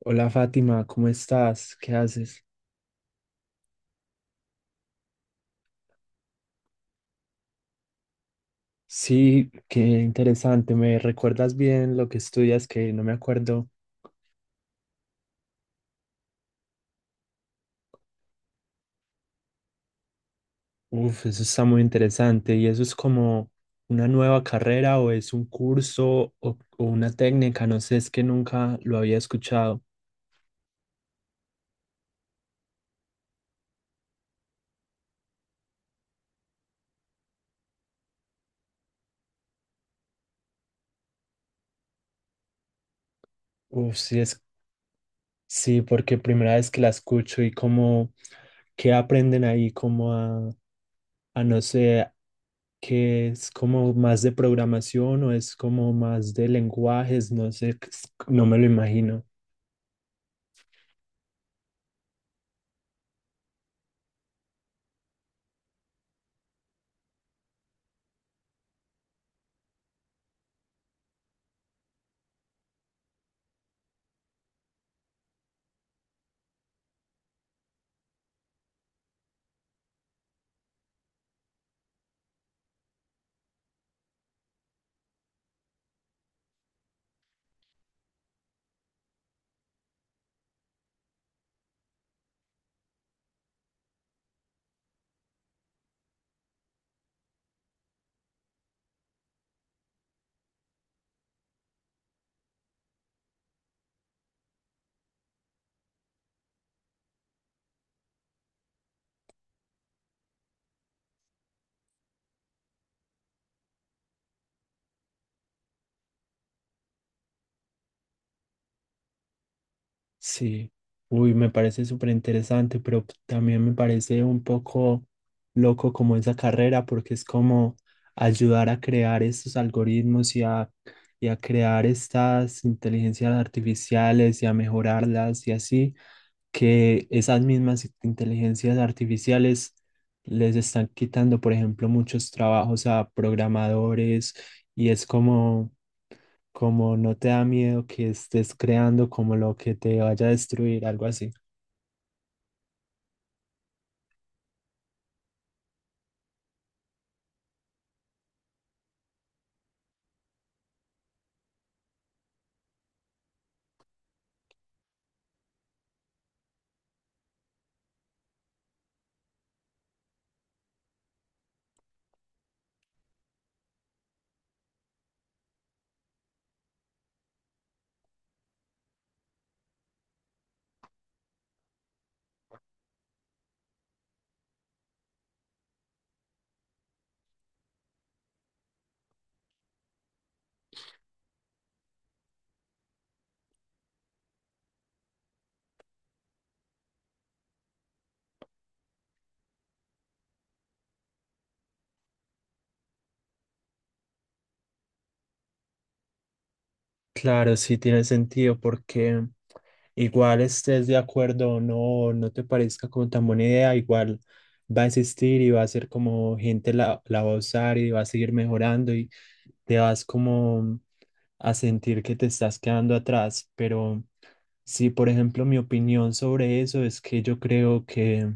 Hola Fátima, ¿cómo estás? ¿Qué haces? Sí, qué interesante. ¿Me recuerdas bien lo que estudias que no me acuerdo? Uf, eso está muy interesante. ¿Y eso es como una nueva carrera o es un curso o una técnica? No sé, es que nunca lo había escuchado. Uf, sí, es, sí, porque primera vez que la escucho y como, ¿qué aprenden ahí? Como a no sé, que es como más de programación o es como más de lenguajes, no sé, no me lo imagino. Sí, uy, me parece súper interesante, pero también me parece un poco loco como esa carrera, porque es como ayudar a crear estos algoritmos y a crear estas inteligencias artificiales y a mejorarlas y así. Que esas mismas inteligencias artificiales les están quitando, por ejemplo, muchos trabajos a programadores y es como, como no te da miedo que estés creando como lo que te vaya a destruir, algo así. Claro, sí tiene sentido porque igual estés de acuerdo o no, no te parezca como tan buena idea, igual va a existir y va a ser como gente la va a usar y va a seguir mejorando y te vas como a sentir que te estás quedando atrás. Pero sí, por ejemplo, mi opinión sobre eso es que yo creo que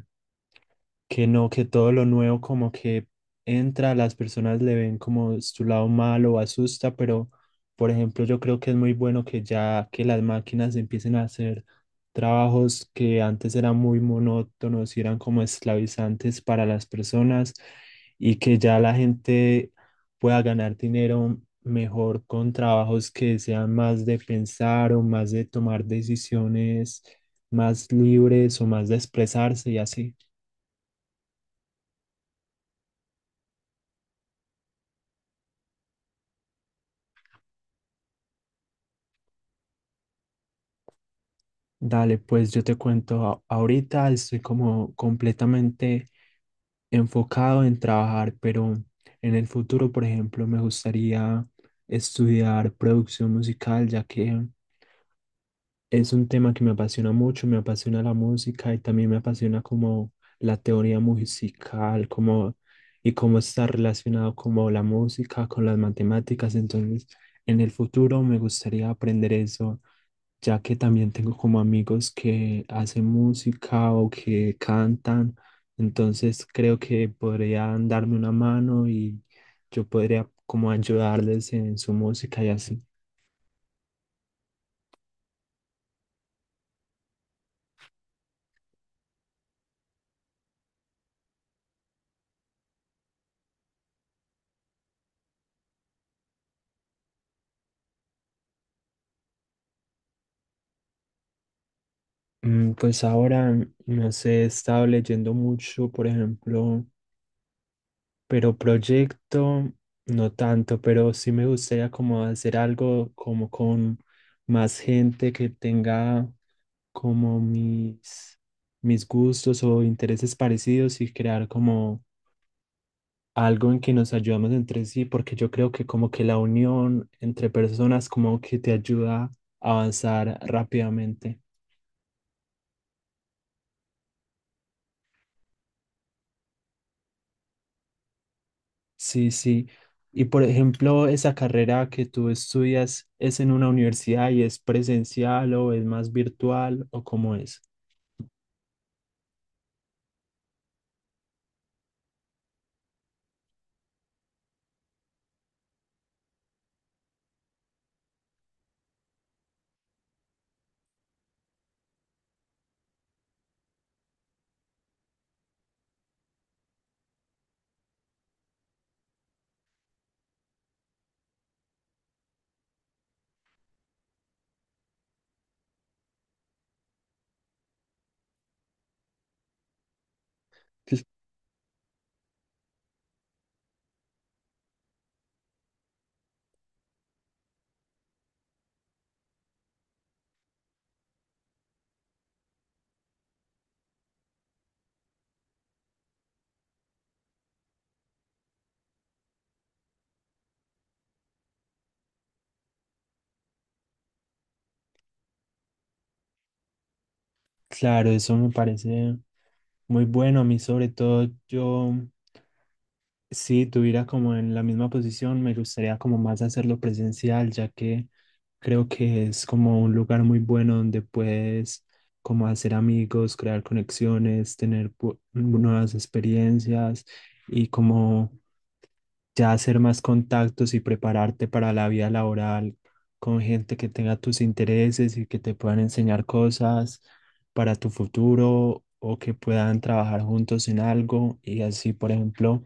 que no, que todo lo nuevo como que entra, las personas le ven como su lado malo o asusta, pero por ejemplo yo creo que es muy bueno que ya que las máquinas empiecen a hacer trabajos que antes eran muy monótonos y eran como esclavizantes para las personas y que ya la gente pueda ganar dinero mejor con trabajos que sean más de pensar o más de tomar decisiones más libres o más de expresarse y así. Dale, pues yo te cuento, ahorita estoy como completamente enfocado en trabajar, pero en el futuro, por ejemplo, me gustaría estudiar producción musical, ya que es un tema que me apasiona mucho, me apasiona la música y también me apasiona como la teoría musical, como y cómo está relacionado como la música con las matemáticas. Entonces, en el futuro me gustaría aprender eso ya que también tengo como amigos que hacen música o que cantan, entonces creo que podrían darme una mano y yo podría como ayudarles en su música y así. Pues ahora, no sé, he estado leyendo mucho, por ejemplo, pero proyecto, no tanto, pero sí me gustaría como hacer algo como con más gente que tenga como mis, mis gustos o intereses parecidos y crear como algo en que nos ayudamos entre sí, porque yo creo que como que la unión entre personas como que te ayuda a avanzar rápidamente. Sí, sí. Y por ejemplo, esa carrera que tú estudias, ¿es en una universidad y es presencial o es más virtual o cómo es? Cl- Claro, eso me parece muy bueno a mí, sobre todo yo. Si tuviera como en la misma posición, me gustaría como más hacerlo presencial, ya que creo que es como un lugar muy bueno donde puedes como hacer amigos, crear conexiones, tener nuevas experiencias y como ya hacer más contactos y prepararte para la vida laboral con gente que tenga tus intereses y que te puedan enseñar cosas para tu futuro o que puedan trabajar juntos en algo y así, por ejemplo.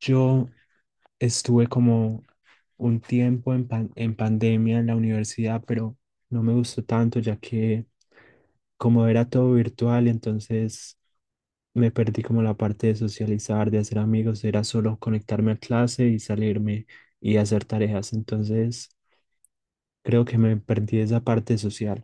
Yo estuve como un tiempo en, en pandemia en la universidad, pero no me gustó tanto ya que como era todo virtual, entonces me perdí como la parte de socializar, de hacer amigos, era solo conectarme a clase y salirme y hacer tareas, entonces creo que me perdí esa parte social.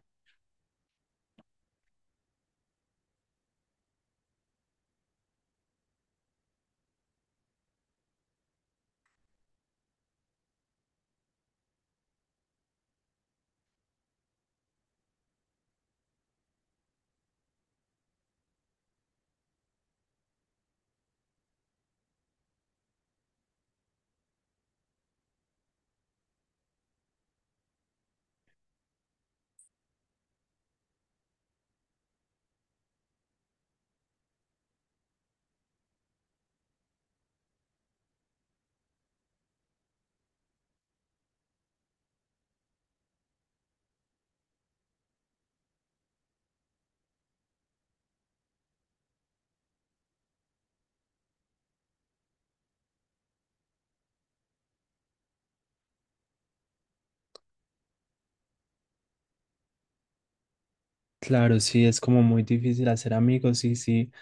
Claro, sí, es como muy difícil hacer amigos y sí,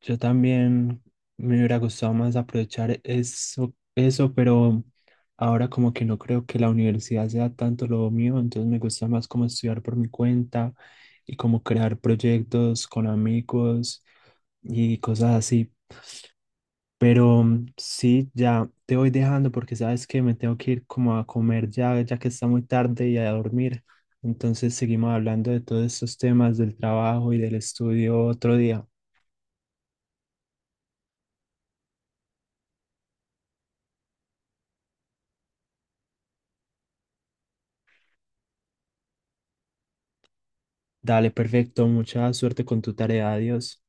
yo también me hubiera gustado más aprovechar eso, eso, pero ahora como que no creo que la universidad sea tanto lo mío, entonces me gusta más como estudiar por mi cuenta y como crear proyectos con amigos y cosas así. Pero sí, ya te voy dejando porque sabes que me tengo que ir como a comer ya, ya que está muy tarde y a dormir. Entonces seguimos hablando de todos estos temas del trabajo y del estudio otro día. Dale, perfecto. Mucha suerte con tu tarea. Adiós.